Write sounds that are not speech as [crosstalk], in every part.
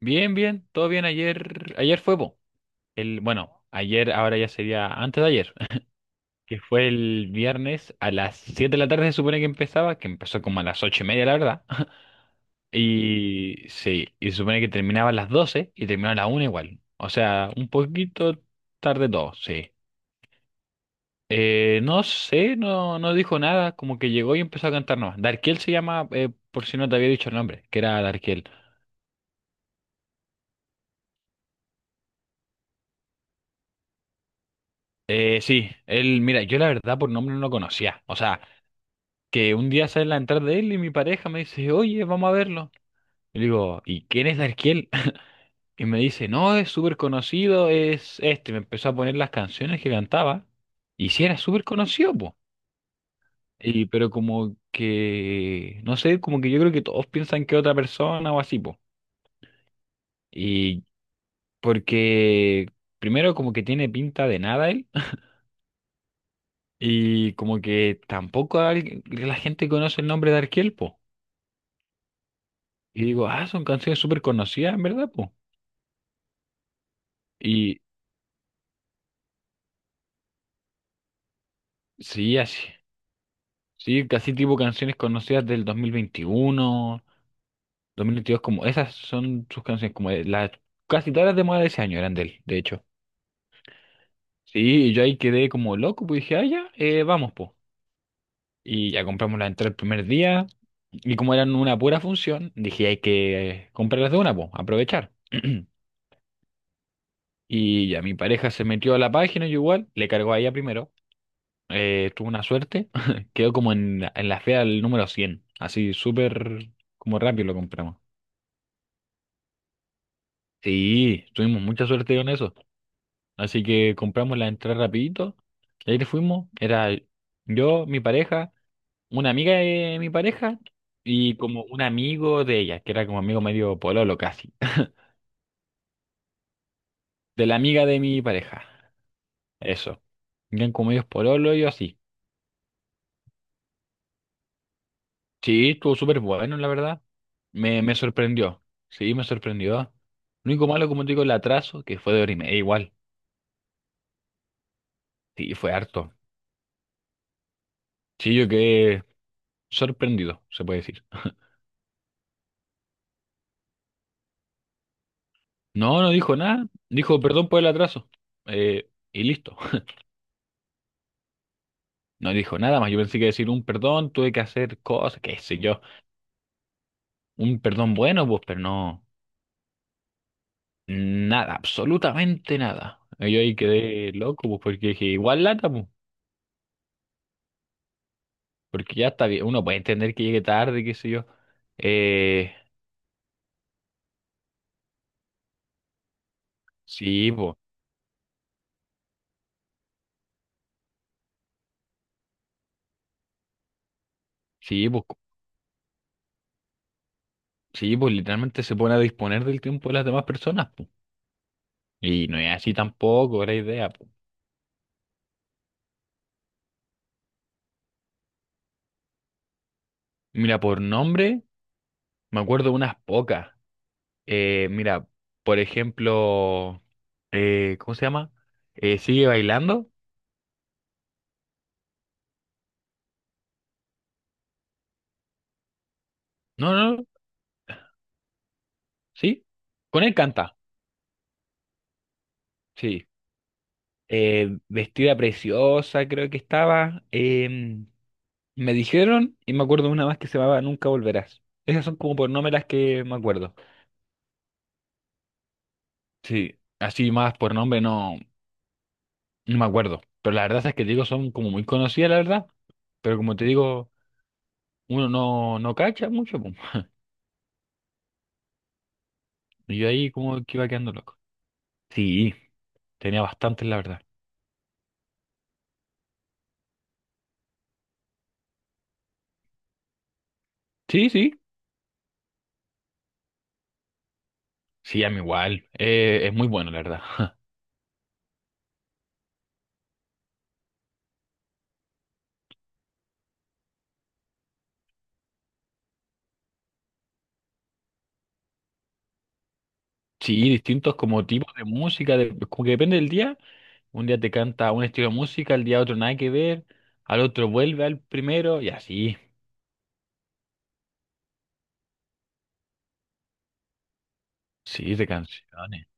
Bien, bien, todo bien. Ayer fue po, el, bueno, ayer, ahora ya sería antes de ayer. [laughs] Que fue el viernes a las 7 de la tarde se supone que empezaba, que empezó como a las ocho y media, la verdad. [laughs] Y sí, y se supone que terminaba a las 12 y terminó a la una igual. O sea, un poquito tarde todo, sí. No sé, no, no dijo nada, como que llegó y empezó a cantar nomás. Darkiel se llama, por si no te había dicho el nombre, que era Darkiel. Sí, él, mira, yo la verdad por nombre no lo conocía. O sea, que un día sale la entrada de él y mi pareja me dice, oye, vamos a verlo. Y le digo, ¿y quién es Darkiel? [laughs] Y me dice, no, es súper conocido, es este. Me empezó a poner las canciones que cantaba. Y sí, era súper conocido, po. Y, pero como que, no sé, como que yo creo que todos piensan que es otra persona o así, po. Y porque, primero, como que tiene pinta de nada él. [laughs] Y como que tampoco la gente conoce el nombre de Darkiel, po. Y digo, ah, son canciones súper conocidas, en verdad, po. Y sí, así. Sí, casi tipo canciones conocidas del dos mil veintiuno dos mil veintidós, como esas son sus canciones, como de las casi todas las de moda de ese año eran de él, de hecho. Sí, y yo ahí quedé como loco, pues dije, ah, ya, vamos, po. Y ya compramos la entrada el primer día, y como eran una pura función, dije, hay que comprarlas de una, po, aprovechar. [clears throat] Y ya mi pareja se metió a la página, yo igual, le cargó a ella primero, tuve una suerte, [laughs] quedó como en, en la fea el número cien, así súper como rápido lo compramos. Sí, tuvimos mucha suerte con eso, así que compramos la entrada rapidito, y ahí fuimos, era yo, mi pareja, una amiga de mi pareja y como un amigo de ella, que era como amigo medio pololo casi, [laughs] de la amiga de mi pareja, eso. Eran como medios pololo y yo así. Sí, estuvo súper bueno, la verdad. Me sorprendió. Sí, me sorprendió. Lo único malo, como te digo, el atraso, que fue de hora y media igual. Sí, fue harto. Sí, yo quedé sorprendido, se puede decir. No, no dijo nada. Dijo perdón por el atraso. Y listo. [laughs] No dijo nada más. Yo pensé que decir un perdón, tuve que hacer cosas, qué sé yo. Un perdón bueno, pues, pero no. Nada, absolutamente nada. Y yo ahí quedé loco, pues, porque dije, igual lata, pues. Porque ya está bien, uno puede entender que llegue tarde, qué sé yo. Eh, sí, pues, sí, pues, sí, pues literalmente se pone a disponer del tiempo de las demás personas, pues. Y no es así tampoco la idea, po. Mira, por nombre, me acuerdo unas pocas. Mira, por ejemplo, ¿cómo se llama? ¿Sigue bailando? No, no, no, sí. Con él canta, sí. Vestida preciosa, creo que estaba. Me dijeron, y me acuerdo de una más que se llamaba Nunca Volverás. Esas son como por nombre las que me acuerdo. Sí, así más por nombre no, no me acuerdo. Pero la verdad es que te digo, son como muy conocidas, la verdad. Pero como te digo, uno no, no cacha mucho, pum. Y yo ahí como que iba quedando loco. Sí, tenía bastantes, la verdad. Sí, sí. Sí, a mí igual. Es muy bueno, la verdad. [laughs] Sí, distintos como tipos de música, de- como que depende del día. Un día te canta un estilo de música, al día otro nada que ver, al otro vuelve al primero y así. Sí, de canciones.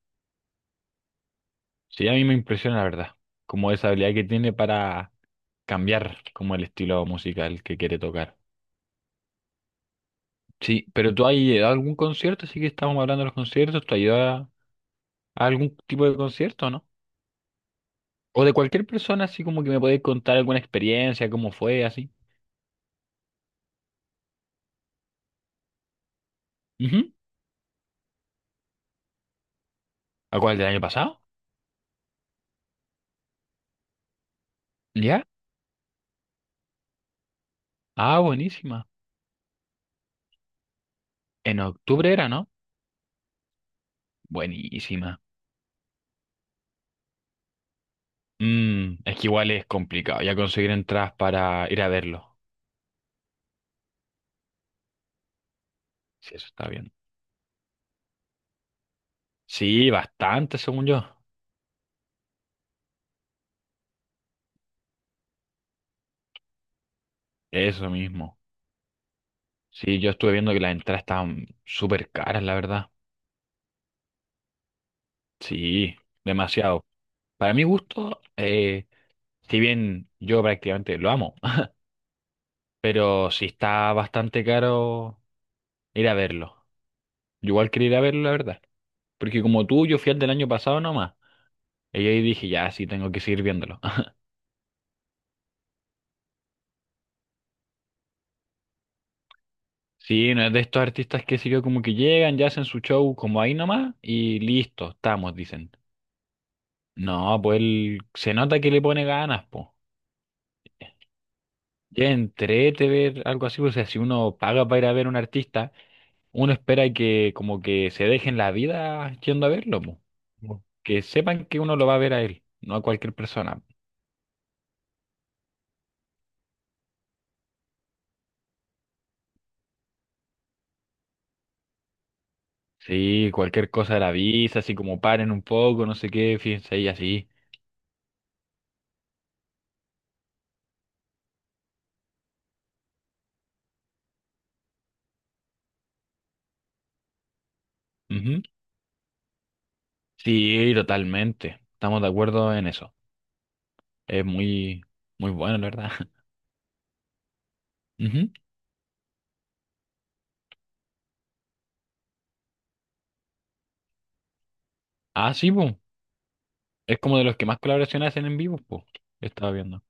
Sí, a mí me impresiona la verdad, como esa habilidad que tiene para cambiar como el estilo musical que quiere tocar. Sí, pero tú has ido a algún concierto, así que estamos hablando de los conciertos, ¿tú has ido a algún tipo de concierto, no? O de cualquier persona, así como que me podéis contar alguna experiencia, cómo fue, así. Ujú. ¿A cuál del año pasado? ¿Ya? Ah, buenísima. En octubre era, ¿no? Buenísima. Mm, es que igual es complicado ya conseguir entradas para ir a verlo. Sí, eso está bien. Sí, bastante, según yo. Eso mismo. Sí, yo estuve viendo que las entradas estaban súper caras, la verdad. Sí, demasiado. Para mi gusto, si bien yo prácticamente lo amo, [laughs] pero sí está bastante caro ir a verlo. Yo igual quería ir a verlo, la verdad. Porque como tú, yo fui al del año pasado nomás. Y ahí dije, ya, sí, tengo que seguir viéndolo. Sí, no es de estos artistas que sé yo, como que llegan, ya hacen su show como ahí nomás y listo, estamos, dicen. No, pues él se nota que le pone ganas, po. Ya entrete ver algo así, pues, o sea, si uno paga para ir a ver a un artista, uno espera que como que se dejen la vida yendo a verlo, po. Como que sepan que uno lo va a ver a él, no a cualquier persona. Sí, cualquier cosa de la visa, así como paren un poco, no sé qué, fíjense ahí así. Ujú. Sí, totalmente. Estamos de acuerdo en eso. Es muy, muy bueno, la verdad. [laughs] Ujú. Ah, sí, pues. Es como de los que más colaboraciones hacen en vivo, pues. Yo estaba viendo.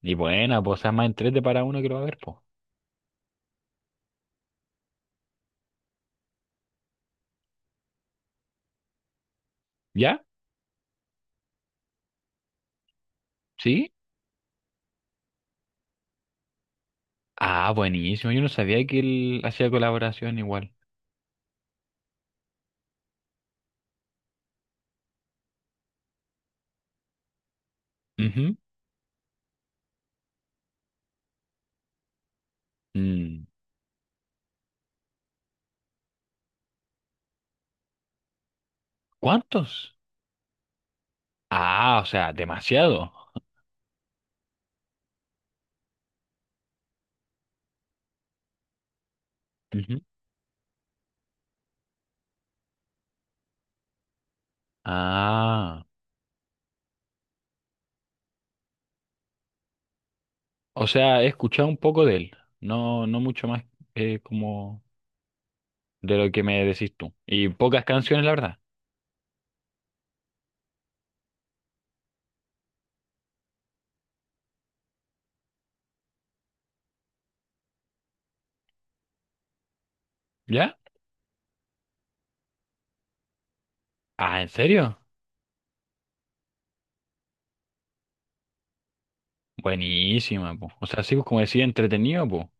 Y buena, pues, o sea, más en 3D para uno que lo va a ver, pues. ¿Ya? ¿Sí? Ah, buenísimo. Yo no sabía que él hacía colaboración igual. Ujú. Mm, ¿cuántos? Ah, o sea, demasiado. Ujú. Ah, o sea, he escuchado un poco de él. No, no mucho más como de lo que me decís tú. Y pocas canciones, la verdad. ¿Ya? Ah, ¿en serio? Buenísima, po. O sea, sí, pues, como decía, entretenido, po.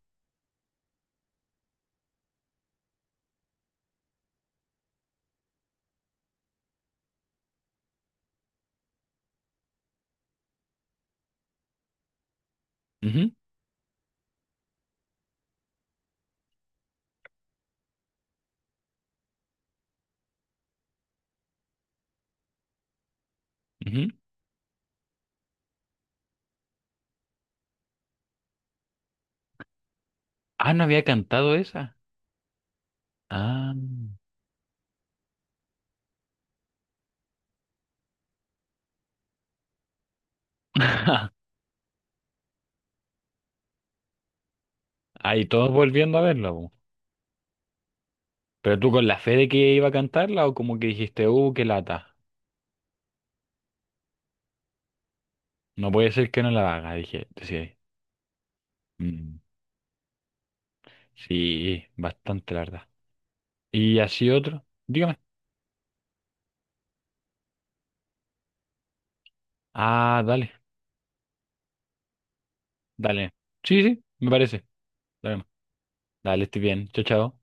Ujú, ujú. Ah, no había cantado esa. Ah. Ahí todos volviendo a verla, po. Pero tú con la fe de que iba a cantarla o como que dijiste, qué lata. No puede ser que no la haga, dije, decía ahí. Mm, sí, bastante, la verdad. Y así otro. Dígame. Ah, dale, dale. Sí, sí, me parece. Dale, dale, estoy bien. Chao, chao.